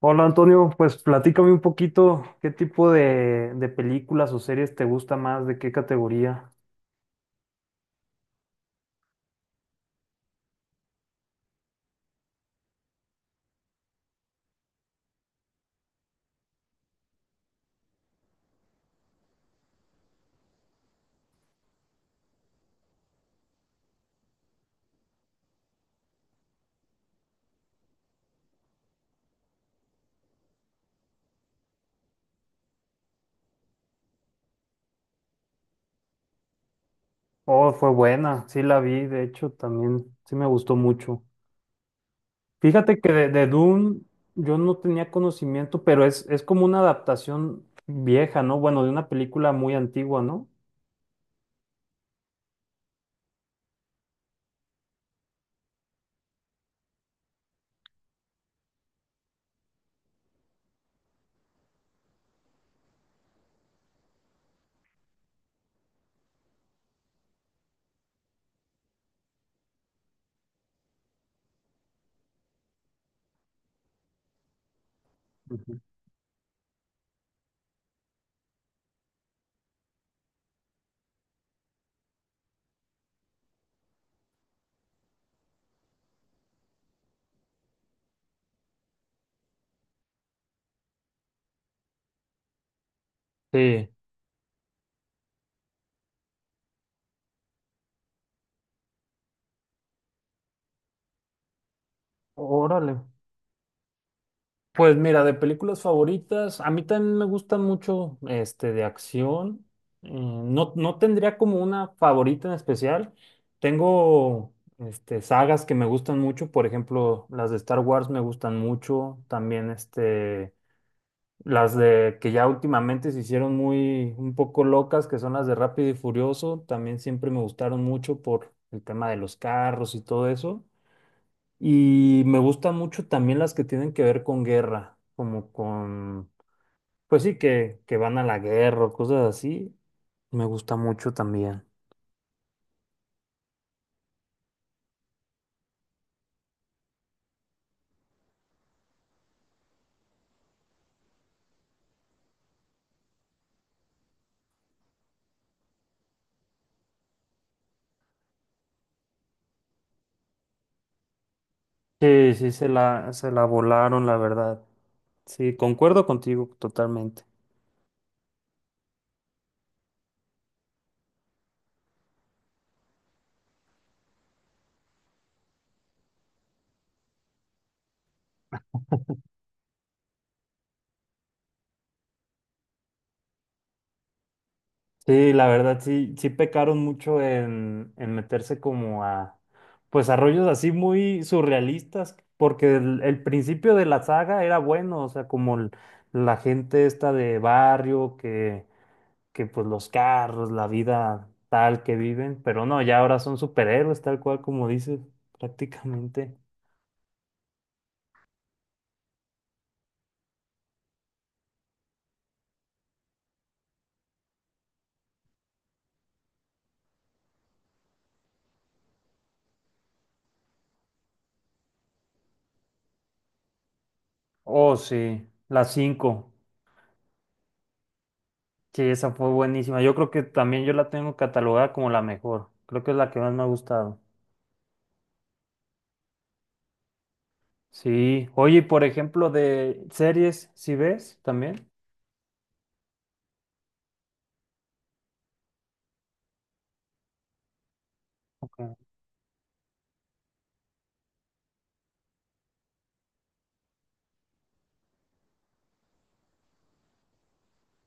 Hola, Antonio, pues platícame un poquito qué tipo de películas o series te gusta más, de qué categoría. Oh, fue buena, sí la vi, de hecho también sí me gustó mucho. Fíjate que de Dune yo no tenía conocimiento, pero es como una adaptación vieja, ¿no? Bueno, de una película muy antigua, ¿no? Ujú. Sí. Órale. Pues mira, de películas favoritas, a mí también me gustan mucho este de acción. No tendría como una favorita en especial. Tengo este, sagas que me gustan mucho, por ejemplo, las de Star Wars me gustan mucho. También este, las de que ya últimamente se hicieron muy un poco locas, que son las de Rápido y Furioso, también siempre me gustaron mucho por el tema de los carros y todo eso. Y me gustan mucho también las que tienen que ver con guerra, como con, pues sí, que van a la guerra o cosas así. Me gusta mucho también. Sí, sí, se la volaron, la verdad. Sí, concuerdo contigo totalmente. Sí, la verdad, sí, sí pecaron mucho en meterse como a, pues a rollos así muy surrealistas, porque el principio de la saga era bueno, o sea, como el- la gente esta de barrio que pues los carros, la vida tal que viven, pero no, ya ahora son superhéroes, tal cual como dices, prácticamente. Oh, sí, la 5. Sí, esa fue buenísima. Yo creo que también yo la tengo catalogada como la mejor. Creo que es la que más me ha gustado. Sí. Oye, y por ejemplo, de series, ¿sí ves también? Ok.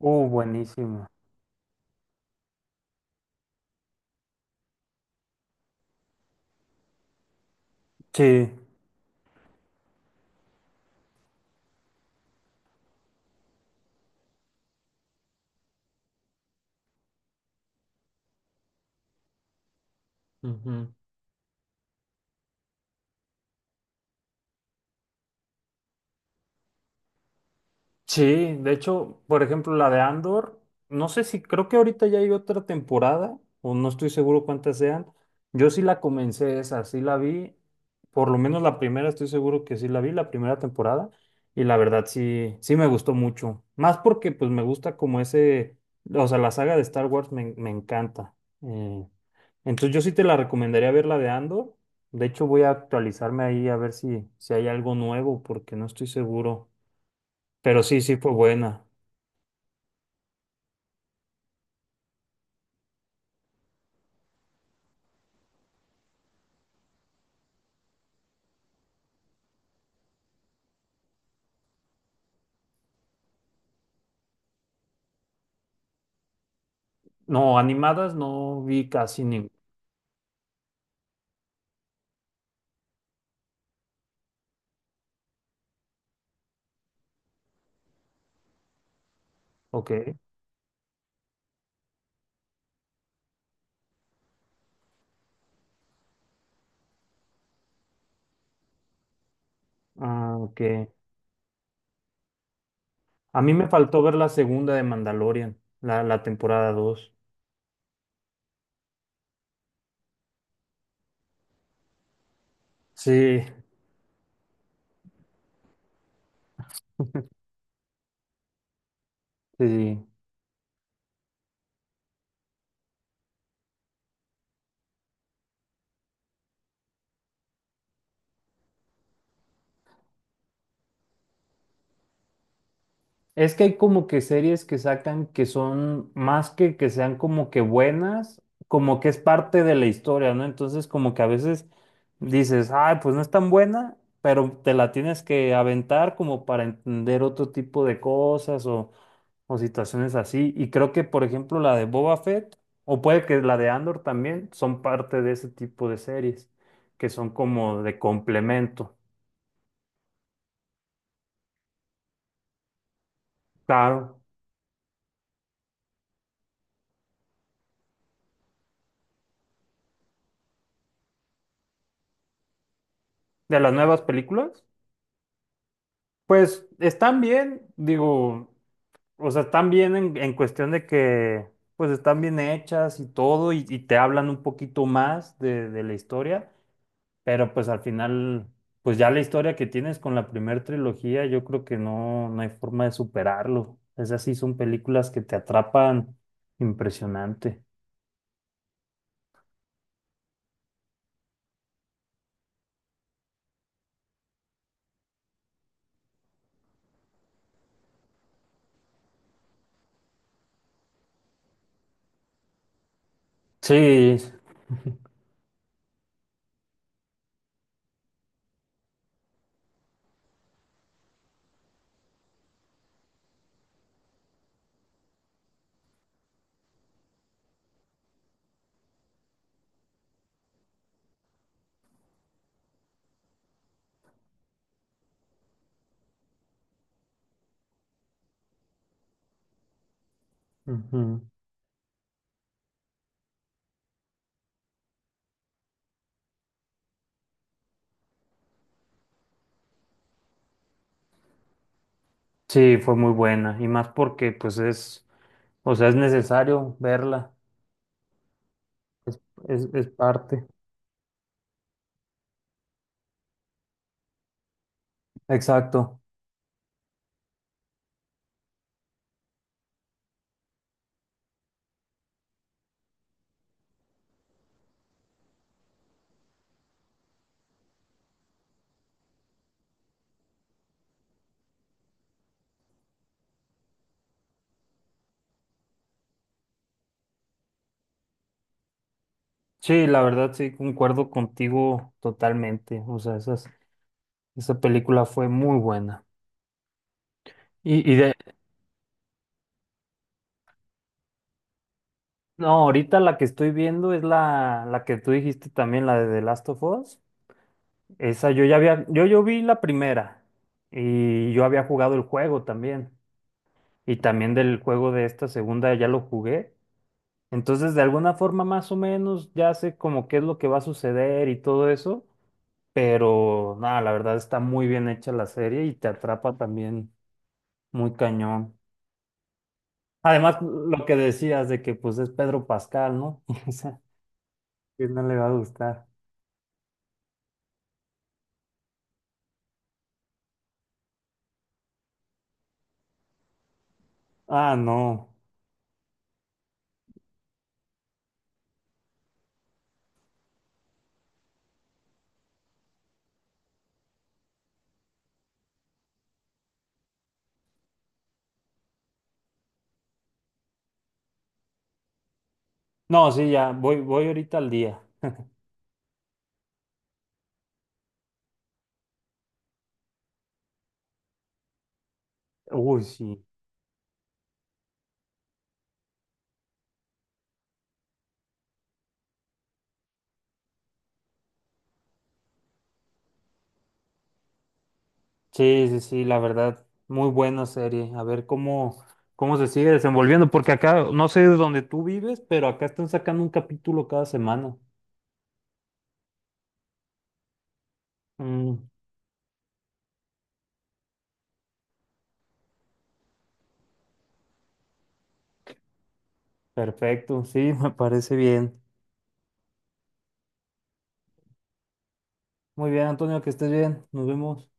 Buenísima. Sí. Ujú. Sí, de hecho, por ejemplo, la de Andor, no sé si creo que ahorita ya hay otra temporada, o no estoy seguro cuántas sean. Yo sí la comencé esa, sí la vi, por lo menos la primera, estoy seguro que sí la vi, la primera temporada, y la verdad sí, sí me gustó mucho. Más porque pues me gusta como ese, o sea, la saga de Star Wars me, me encanta. Eh, entonces yo sí te la recomendaría ver la de Andor. De hecho, voy a actualizarme ahí a ver si, si hay algo nuevo, porque no estoy seguro. Pero sí, sí fue buena. No, animadas no vi casi ninguna. Ok. Ah, ok. A mí me faltó ver la segunda de Mandalorian, la temporada 2. Sí, sí. Sí. Es que hay como que series que sacan que son más que sean como que buenas, como que es parte de la historia, ¿no? Entonces como que a veces dices, ay, pues no es tan buena, pero te la tienes que aventar como para entender otro tipo de cosas o situaciones así. Y creo que, por ejemplo, la de Boba Fett, o puede que la de Andor también, son parte de ese tipo de series, que son como de complemento. Claro, de las nuevas películas, pues están bien, digo, o sea, están bien en cuestión de que, pues están bien hechas y todo, y te hablan un poquito más de la historia. Pero pues al final, pues ya la historia que tienes con la primera trilogía, yo creo que no, no hay forma de superarlo. Esas sí son películas que te atrapan impresionante. Sí, ujú. Sí, fue muy buena. Y más porque pues es, o sea, es necesario verla. Es, es parte. Exacto. Sí, la verdad sí, concuerdo contigo totalmente. O sea, esas, esa película fue muy buena. Y de, no, ahorita la que estoy viendo es la que tú dijiste también, la de The Last of Us. Esa yo ya había, yo vi la primera y yo había jugado el juego también. Y también del juego de esta segunda ya lo jugué. Entonces, de alguna forma más o menos ya sé como qué es lo que va a suceder y todo eso. Pero nada, la verdad está muy bien hecha la serie y te atrapa también muy cañón. Además, lo que decías de que pues es Pedro Pascal, ¿no? O sea, ¿quién no le va a gustar? Ah, no. No, sí, ya, voy, voy ahorita al día. Uy, sí. Sí, sí, sí, la verdad, muy buena serie. A ver cómo, cómo se sigue desenvolviendo, porque acá, no sé de dónde tú vives, pero acá están sacando un capítulo cada semana. Mm, perfecto, sí, me parece bien. Muy bien, Antonio, que estés bien. Nos vemos.